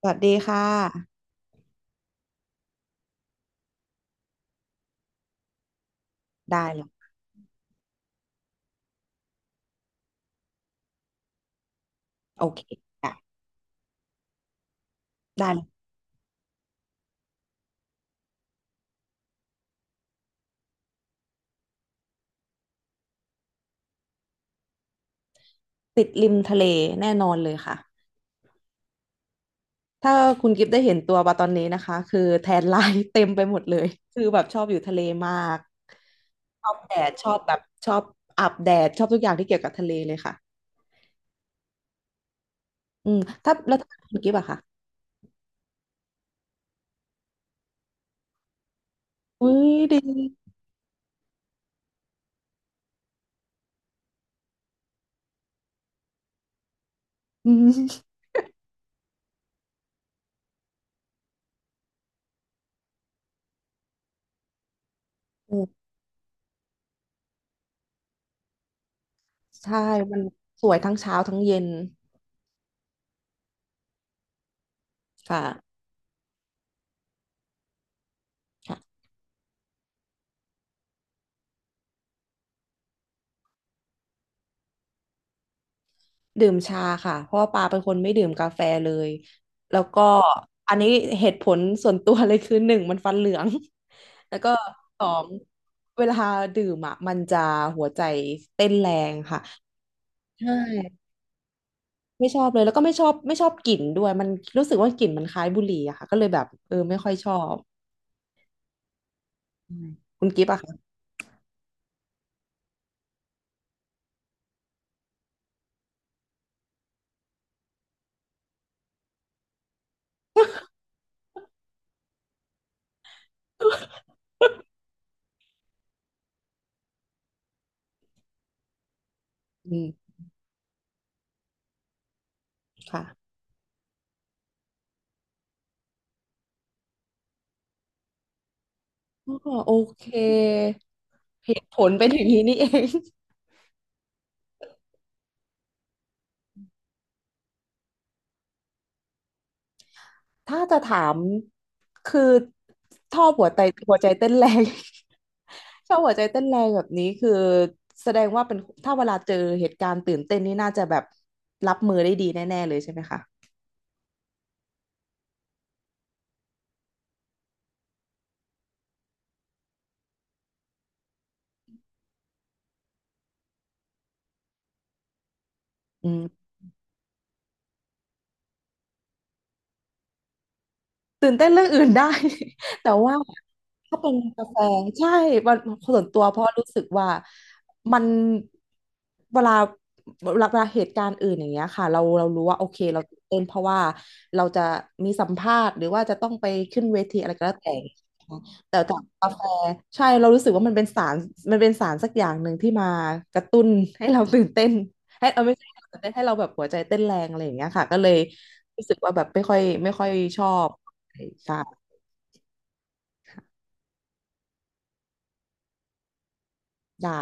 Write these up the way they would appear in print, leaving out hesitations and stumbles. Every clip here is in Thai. สวัสดีค่ะได้เลยโอเคค่ะได้เลยติดริมทะเลแน่นอนเลยค่ะถ้าคุณกิฟต์ได้เห็นตัวปลาตอนนี้นะคะคือแทนไลน์ เต็มไปหมดเลยคือแบบชอบอยู่ทะเลมากชอบแดดชอบแบบชอบอาบแดดชอบทุกอย่างที่เกี่ยวกับทะเลเลยค่ะอืมถ้าแล้วถ้าคุณกิฟต์อะค่ะอุ้ยดีอืมใช่มันสวยทั้งเช้าทั้งเย็นค่ะ ดื่มชาค่ะเพราะว่าปาเป็นคนไม่ดื่มกาแฟเลยแล้วก็อันนี้เหตุผลส่วนตัวเลยคือ หนึ่งมันฟันเหลือง แล้วก็สองเวลาดื่มอ่ะมันจะหัวใจเต้นแรงค่ะใช่ไม่ชอบเลยแล้วก็ไม่ชอบไม่ชอบกลิ่นด้วยมันรู้สึกว่ากลิ่นมันคล้ายบุหรี่อะค่ะก็เลยแบบไม่ค่อยชอบอืมคุณกิฟต์อะค่ะอืมค่ะอ๋อโอเคเหตุผลเป็นอย่างนี้นี่เอง ถ้าจะถามคือชอบหัวใจหัวใจเต้นแรง ชอบหัวใจเต้นแรงแบบนี้คือแสดงว่าเป็นถ้าเวลาเจอเหตุการณ์ตื่นเต้นนี่น่าจะแบบรับมือได้ดีแน่ๆเลยใช่ไหมคะอืม ตื่นเต้นเรื่องอื่นได้ แต่ว่าถ้าเป็นกาแฟใช่มันส่วนตัวเพราะรู้สึกว่ามันเวลาเวลาเหตุการณ์อื่นอย่างเงี้ยค่ะเราเรารู้ว่าโอเคเราตื่นเต้นเพราะว่าเราจะมีสัมภาษณ์หรือว่าจะต้องไปขึ้นเวทีอะไรก็แล้วแต่แต่กับกาแฟใช่เรารู้สึกว่ามันเป็นสารมันเป็นสารสักอย่างหนึ่งที่มากระตุ้นให้เราตื่นเต้นให้ไม่ใช่ให้เราตื่นเต้นให้เราแบบหัวใจเต้นแรงอะไรอย่างเงี้ยค่ะก็เลยรู้สึกว่าแบบไม่ค่อยไม่ค่อยชอบ ได้ค่ะได้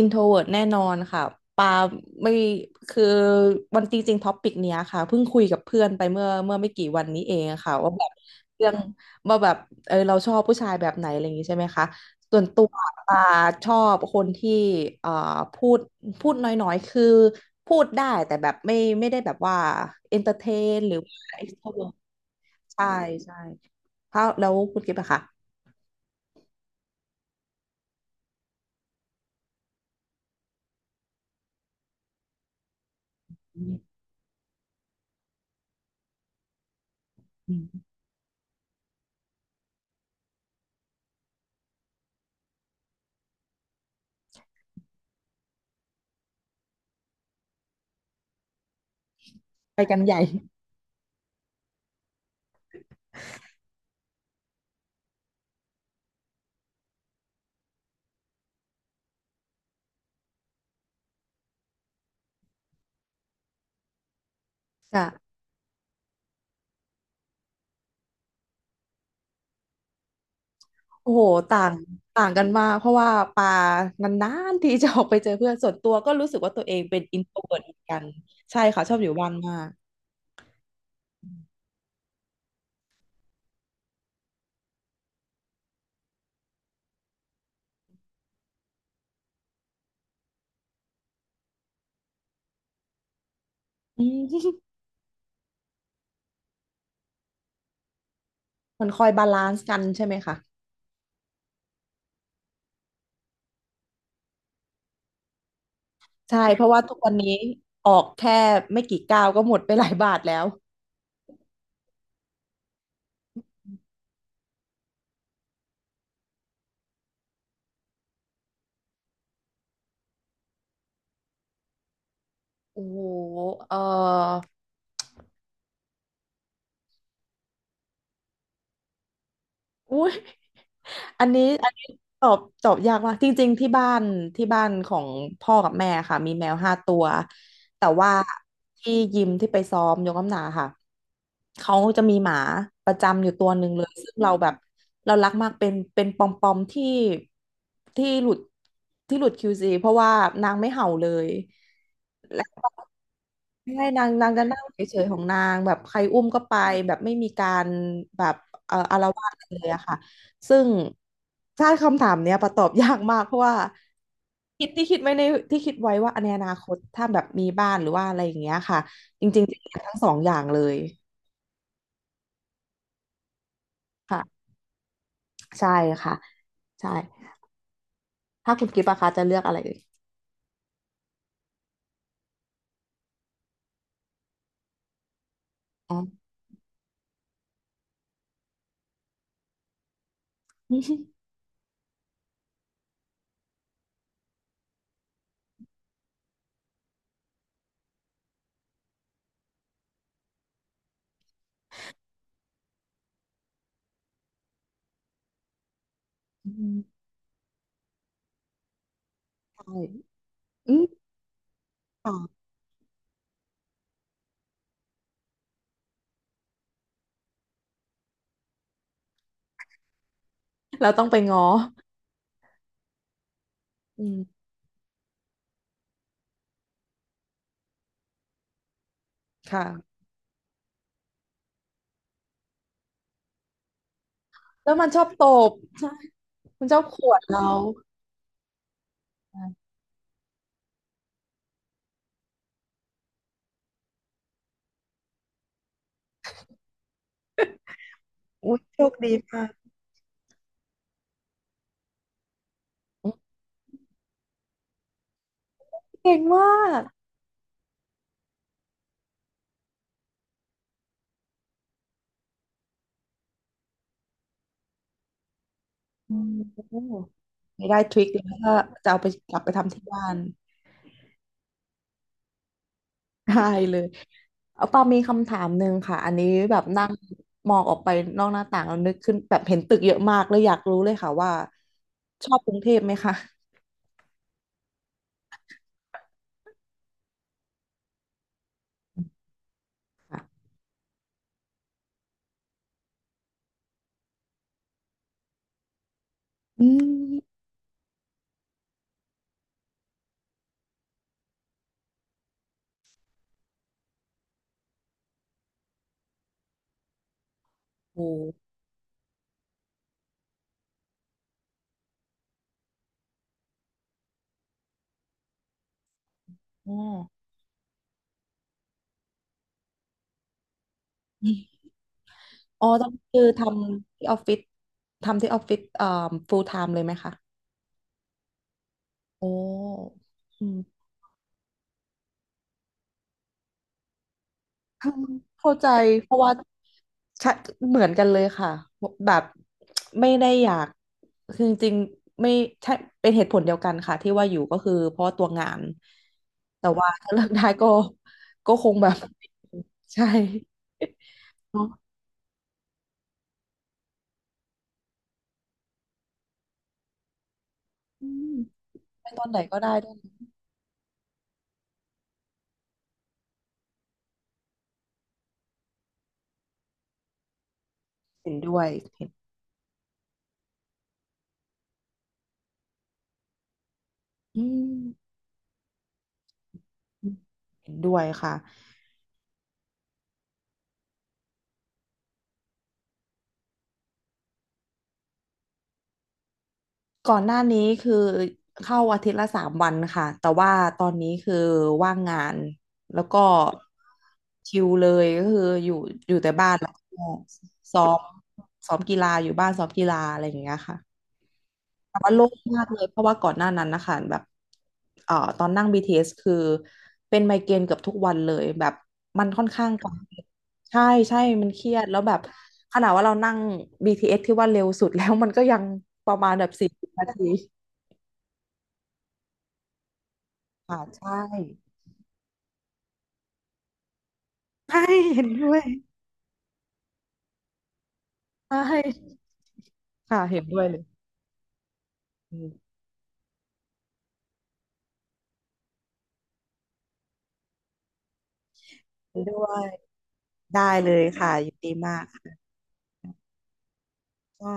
introvert แน่นอนค่ะปาไม่คือวันจริงๆท็อปิกเนี้ยค่ะเพิ่งคุยกับเพื่อนไปเมื่อไม่กี่วันนี้เองค่ะว่าแบบเรื่องว่าแบบเราชอบผู้ชายแบบไหนอะไรอย่างงี้ใช่ไหมคะส่วนตัวปาชอบคนที่เอ่อพูดพูดน้อยๆคือพูดได้แต่แบบไม่ไม่ได้แบบว่า entertain หรือว่า extrovert ใช่ใช่เพราะแล้วคุณกิ๊บอะคะอืมไปกันใหญ่ค่ะ โอ้โหต่างต่างกันมากเพราะว่าปานานๆที่จะออกไปเจอเพื่อนส่วนตัวก็รู้สึกว่าตัวเองเป็นอินโทรเวิร์ตเหมือนกันใช่ค่ะชอบอยู่บ้านมากอืม มันคอยบาลานซ์กันใช่ไหมคะใช่เพราะว่าทุกวันนี้ออกแค่ไม่กี่ก้าวก็หมดไปหลายบาทแล้วโอ้โหเอออุ้ย อันนี้อันนี้ตอบตอบยากมากจริงๆที่บ้านที่บ้านของพ่อกับแม่ค่ะมีแมว 5 ตัวแต่ว่าที่ยิมที่ไปซ้อมยกน้ำหนักค่ะเขาจะมีหมาประจำอยู่ตัวหนึ่งเลยซึ่งเราแบบเรารักมากเป็นเป็นปอมปอมที่ที่หลุดที่หลุด QC เพราะว่านางไม่เห่าเลย ไม่ใช่นางนางจะนั่งเฉยๆของนางแบบใครอุ้มก็ไปแบบไม่มีการแบบอาละวาดอะไรเลยอะค่ะซึ่งใช่คำถามเนี้ยประตอบยากมากเพราะว่าคิดที่คิดไว้ในที่คิดไว้ว่าในอนาคตถ้าแบบมีบ้านหรือว่าอะไรอย่างเงี้ยค่ะจริงๆจะเลือกทั้งสองอย่างเลยค่ะใช่ค่ะใช่ถ้าคุณกิฟต์อะคะจะเลือกอะไรเอ่ยอ๋ออืมใช่อืมค่ะเราต้องไปง้ออืมค่ะแล้วมันชอบตบใช่ คุณเจ้าขวดเราอ่ะอุ้ยโชคดีมากอืมเก่งมากอืมโอ้ไม่ได้ทริคเลยถ้าจะเอาไปกลับไปทำที่บ้านได้เลย เอาปามีคำถามหนึ่งค่ะ อันนี้แบบนั่งมองออกไปนอกหน้าต่างแล้วนึกขึ้นแบบเห็นตึกเยอะมากเลยอยากรู้เลยค่ะว่าชอบกรุงเทพไหมคะค่ะอืมโอ้อ๋ออ๋อต้องคือทำที่ออฟฟิศทำที่ออฟฟิศfull time เลยไหมคะโอ้อืม เข้าใจเพราะว่าชะเหมือนกันเลยค่ะแบบไม่ได้อยากคือจริงๆไม่ใช่เป็นเหตุผลเดียวกันค่ะที่ว่าอยู่ก็คือเพราะตัวงานแต่ว่าถ้าเลิกได้ก็ก็คงแบบใช่ เนาะอืมไปตอนไหนก็ได้ด้วยเห็นด้วยเห็นอืมเห็นด้วยค่ะ ก่อนหน้านี้คือเข้าอาทิตย์ละ3 วันค่ะ แต่ว่าตอนนี้คือว่างงานแล้วก็ชิลเลยก็คืออยู่อยู่แต่บ้านแล้วก็ซ้อมซ้อมกีฬาอยู่บ้านซ้อมกีฬาอะไรอย่างเงี้ยค่ะแต่ว่าโล่งมากเลยเพราะว่าก่อนหน้านั้นนะคะแบบตอนนั่ง BTS คือเป็นไมเกรนเกือบทุกวันเลยแบบมันค่อนข้างกดใช่ใช่มันเครียดแล้วแบบขนาดว่าเรานั่ง BTS ทีเอสที่ว่าเร็วสุดแล้วมันก็ยังประมาณแบบ40 นาที ค่ะใช่ใช่เห็นด้วยใช่ค่ะเห็นด้วยเลยอืมเห็นด้วยได้เลยค่ะยินดีมากค่ะ